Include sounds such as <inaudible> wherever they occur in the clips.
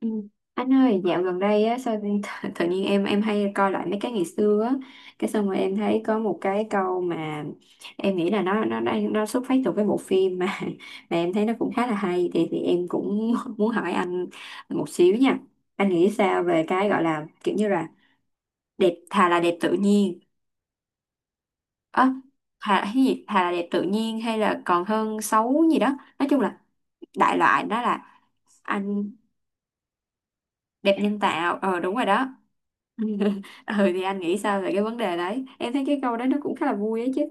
Ừ. Anh ơi, dạo gần đây á, sao tự, <laughs> tự nhiên em hay coi lại mấy cái ngày xưa á, cái xong rồi em thấy có một cái câu mà em nghĩ là nó xuất phát từ cái bộ phim mà <laughs> mà em thấy nó cũng khá là hay thì em cũng <laughs> muốn hỏi anh một xíu nha. Anh nghĩ sao về cái gọi là kiểu như là đẹp thà là đẹp tự nhiên. Ơ thà cái gì? Thà là đẹp tự nhiên hay là còn hơn xấu gì đó. Nói chung là đại loại đó là anh đẹp nhân tạo. Ờ đúng rồi đó. <laughs> Ừ thì anh nghĩ sao về cái vấn đề đấy, em thấy cái câu đấy nó cũng khá là vui ấy chứ.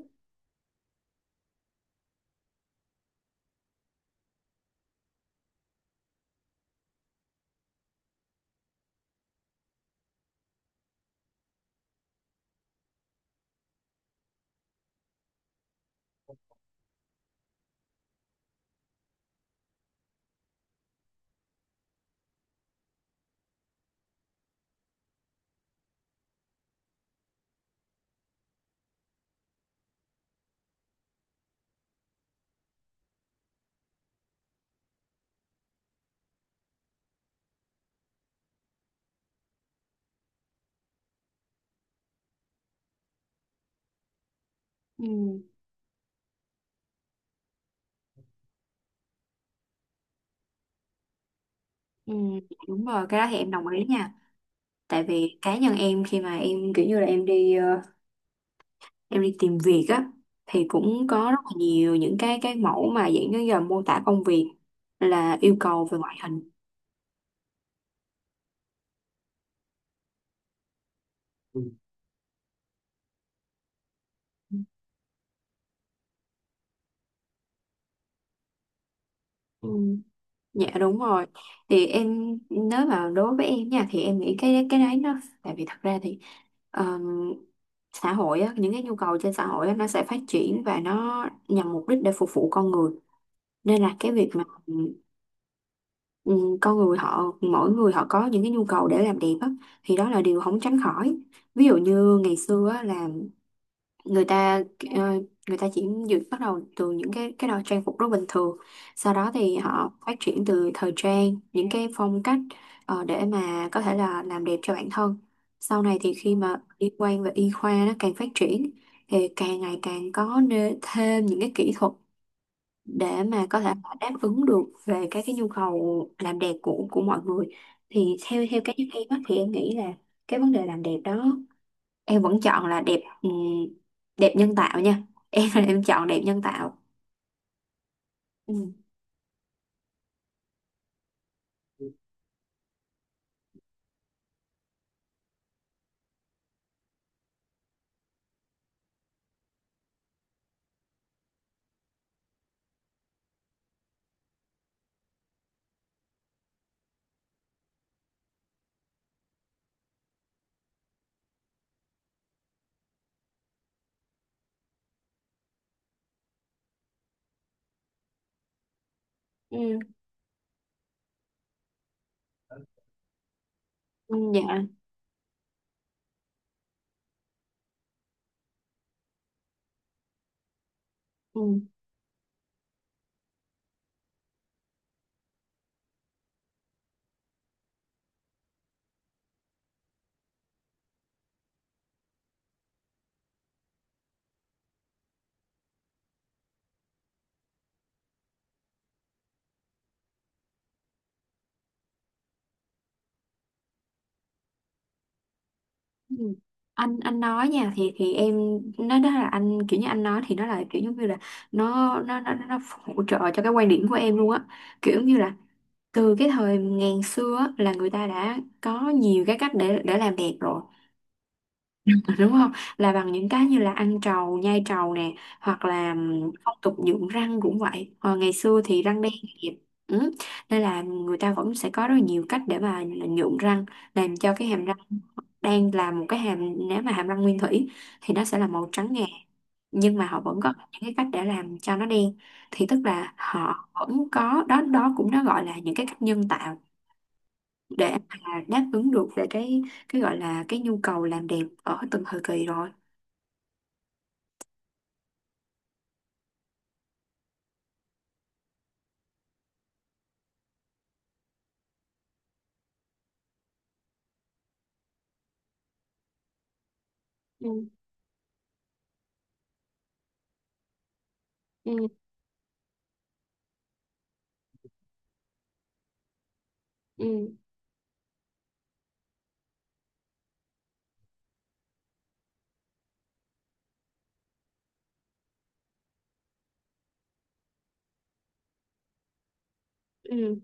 Ừ. Ừ, đúng rồi, cái đó thì em đồng ý nha. Tại vì cá nhân em khi mà em kiểu như là em đi em đi tìm việc á, thì cũng có rất là nhiều những cái mẫu mà dạng như là mô tả công việc là yêu cầu về ngoại hình. Ừ. Ừ. Dạ đúng rồi. Thì em, nếu mà đối với em nha, thì em nghĩ cái đấy nó tại vì thật ra thì ờm, xã hội á, những cái nhu cầu trên xã hội á, nó sẽ phát triển và nó nhằm mục đích để phục vụ con người, nên là cái việc mà con người họ, mỗi người họ có những cái nhu cầu để làm đẹp á, thì đó là điều không tránh khỏi. Ví dụ như ngày xưa á, là người ta ờ, người ta chỉ dự bắt đầu từ những cái đồ trang phục rất bình thường, sau đó thì họ phát triển từ thời trang những cái phong cách để mà có thể là làm đẹp cho bản thân. Sau này thì khi mà liên quan về y khoa nó càng phát triển thì càng ngày càng có thêm những cái kỹ thuật để mà có thể đáp ứng được về các cái nhu cầu làm đẹp của mọi người. Thì theo theo cá nhân em á, thì em nghĩ là cái vấn đề làm đẹp đó, em vẫn chọn là đẹp, đẹp nhân tạo nha. Em <laughs> em chọn đẹp nhân tạo. Ừ. Ừ. Ừ, dạ. Ừ. Ừ. Anh nói nha thì em nó đó là anh kiểu như anh nói thì nó là kiểu giống như là nó hỗ trợ cho cái quan điểm của em luôn á, kiểu như là từ cái thời ngàn xưa á, là người ta đã có nhiều cái cách để làm đẹp rồi. Ờ, đúng không, là bằng những cái như là ăn trầu nhai trầu nè, hoặc là phong tục nhuộm răng cũng vậy, hồi ngày xưa thì răng đen đẹp. Ừ. Nên là người ta vẫn sẽ có rất là nhiều cách để mà nhuộm răng, làm cho cái hàm răng đen, là một cái hàm, nếu mà hàm răng nguyên thủy thì nó sẽ là màu trắng ngà, nhưng mà họ vẫn có những cái cách để làm cho nó đen. Thì tức là họ vẫn có đó, đó cũng nó gọi là những cái cách nhân tạo để mà đáp ứng được về cái gọi là cái nhu cầu làm đẹp ở từng thời kỳ rồi. Ừ. Ừ. Ừ. Ừ,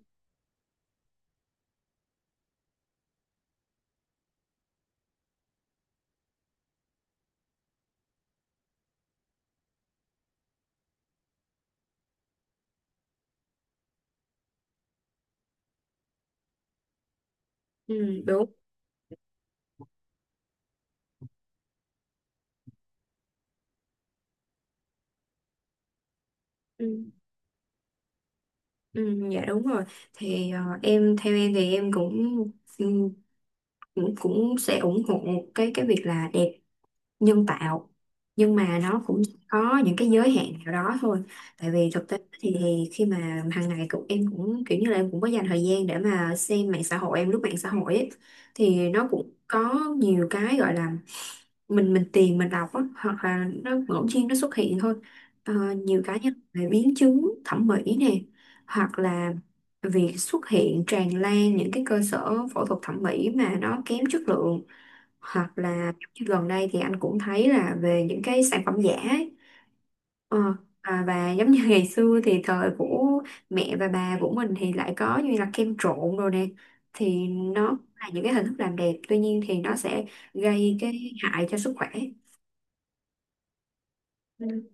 ừ, đúng. Ừ, ừ, dạ đúng rồi. Thì em theo em thì em cũng ừ, cũng cũng sẽ ủng hộ cái việc là đẹp nhân tạo, nhưng mà nó cũng có những cái giới hạn nào đó thôi. Tại vì thực tế thì khi mà hàng ngày cũng em cũng kiểu như là em cũng có dành thời gian để mà xem mạng xã hội, em lướt mạng xã hội ấy, thì nó cũng có nhiều cái gọi là mình tìm mình đọc á, hoặc là nó ngẫu nhiên nó xuất hiện thôi. Ờ, nhiều cá nhân về biến chứng thẩm mỹ nè, hoặc là việc xuất hiện tràn lan những cái cơ sở phẫu thuật thẩm mỹ mà nó kém chất lượng, hoặc là giống như gần đây thì anh cũng thấy là về những cái sản phẩm giả ấy. Ờ, à, và giống như <laughs> ngày xưa thì thời của mẹ và bà của mình thì lại có như là kem trộn rồi nè, thì nó là những cái hình thức làm đẹp, tuy nhiên thì nó sẽ gây cái hại cho sức khỏe. Ừ.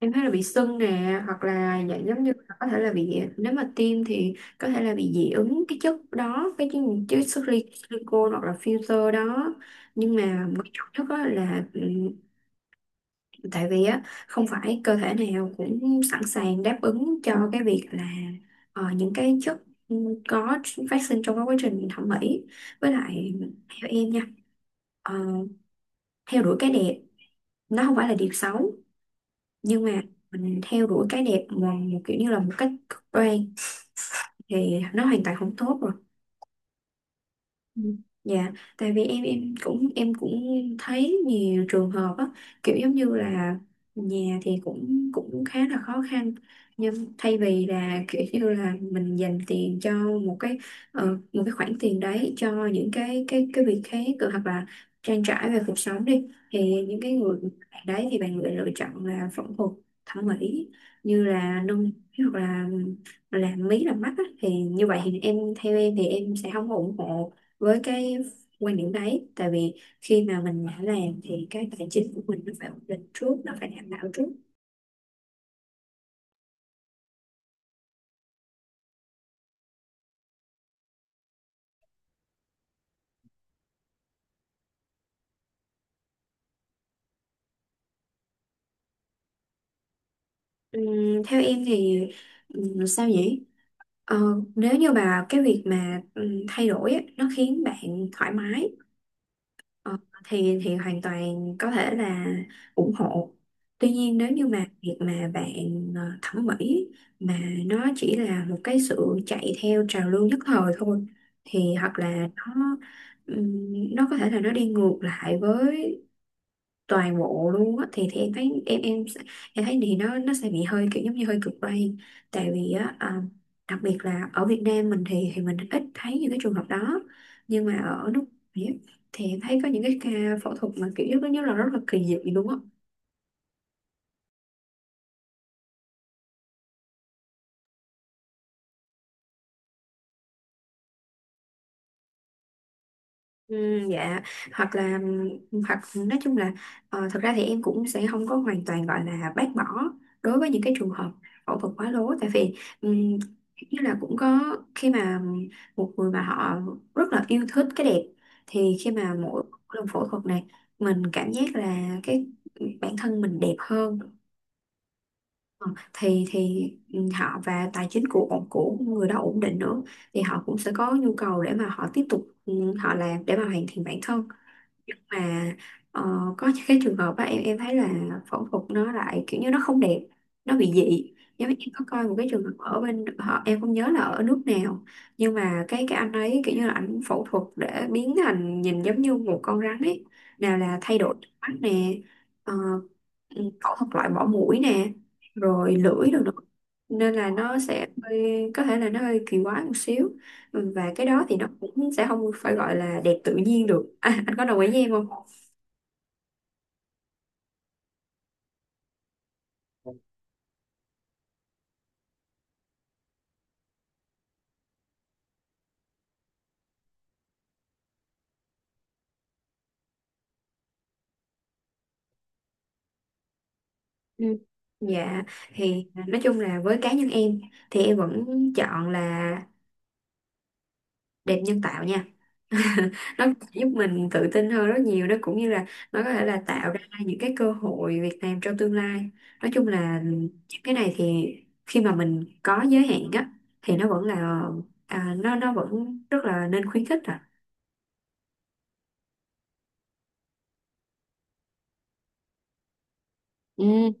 Em thấy là bị sưng nè, hoặc là dạng giống như là có thể là bị, nếu mà tiêm thì có thể là bị dị ứng cái chất đó, cái chất, chất silicone hoặc là filter đó. Nhưng mà quan trọng nhất á là tại vì á không phải cơ thể nào cũng sẵn sàng đáp ứng cho cái việc là những cái chất ừ, có phát sinh trong cái quá trình thẩm mỹ. Với lại theo em nha, ờ, theo đuổi cái đẹp nó không phải là điều xấu, nhưng mà mình theo đuổi cái đẹp mà một kiểu như là một cách cực đoan thì nó hoàn toàn không tốt rồi. Ừ. Dạ, tại vì em cũng em cũng thấy nhiều trường hợp á, kiểu giống như là nhà thì cũng cũng khá là khó khăn, nhưng thay vì là kiểu như là mình dành tiền cho một cái ờ, một cái khoản tiền đấy cho những cái việc khác hoặc là trang trải về cuộc sống đi, thì những cái người bạn đấy thì bạn lại lựa chọn là phẫu thuật thẩm mỹ, như là nâng, hoặc là làm mí làm mắt á, thì như vậy thì em, theo em thì em sẽ không ủng hộ với cái quan điểm đấy. Tại vì khi mà mình đã làm thì cái tài chính của mình nó phải ổn định trước, nó phải đảm bảo trước. Theo em thì sao nhỉ. Ờ, nếu như bà cái việc mà thay đổi á, nó khiến bạn thoải mái, Ờ, thì hoàn toàn có thể là ủng hộ. Tuy nhiên nếu như mà việc mà bạn thẩm mỹ mà nó chỉ là một cái sự chạy theo trào lưu nhất thời thôi, thì hoặc là nó có thể là nó đi ngược lại với toàn bộ luôn á, thì em thấy, em thấy thì nó sẽ bị hơi kiểu giống như hơi cực đoan. Tại vì á à, đặc biệt là ở Việt Nam mình thì mình ít thấy những cái trường hợp đó, nhưng mà ở nước ngoài á, thì em thấy có những cái ca phẫu thuật mà kiểu giống như là rất là kỳ dị luôn á. Ừ, dạ. Hoặc là, hoặc nói chung là thật ra thì em cũng sẽ không có hoàn toàn gọi là bác bỏ đối với những cái trường hợp phẫu thuật quá lố. Tại vì ừm, như là cũng có khi mà một người mà họ rất là yêu thích cái đẹp, thì khi mà mỗi lần phẫu thuật này mình cảm giác là cái bản thân mình đẹp hơn. Ờ, thì họ và tài chính của người đó ổn định nữa, thì họ cũng sẽ có nhu cầu để mà họ tiếp tục, ừ, họ làm để mà hoàn thiện bản thân. Mà ờ, có những cái trường hợp á em thấy là phẫu thuật nó lại kiểu như nó không đẹp, nó bị dị, giống như em có coi một cái trường hợp ở bên họ, em không nhớ là ở nước nào, nhưng mà cái anh ấy kiểu như là anh phẫu thuật để biến thành nhìn giống như một con rắn ấy. Nào là thay đổi mắt nè, ờ, ừ, phẫu thuật loại bỏ mũi nè, rồi lưỡi rồi nữa, nên là nó sẽ hơi, có thể là nó hơi kỳ quái một xíu. Ừ, và cái đó thì nó cũng sẽ không phải gọi là đẹp tự nhiên được. À, anh có đồng ý với em không? Ừ. Dạ thì nói chung là với cá nhân em thì em vẫn chọn là đẹp nhân tạo nha. <laughs> Nó giúp mình tự tin hơn rất nhiều, nó cũng như là nó có thể là tạo ra những cái cơ hội việc làm trong tương lai. Nói chung là những cái này thì khi mà mình có giới hạn á thì nó vẫn là à, nó vẫn rất là nên khuyến khích à. Ừ,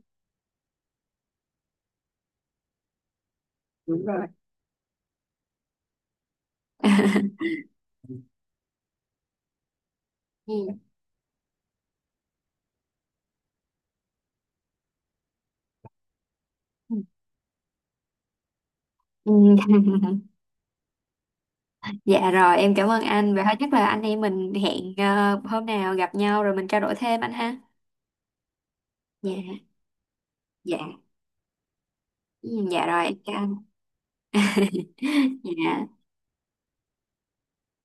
đúng rồi. <laughs> Ừ. Ừ. <laughs> Dạ rồi, em cảm ơn anh. Vậy thôi chắc là anh em mình hẹn hôm nào gặp nhau rồi mình trao đổi thêm anh ha. Dạ, dạ. Ừ, dạ rồi, em chào anh. <laughs> Dạ.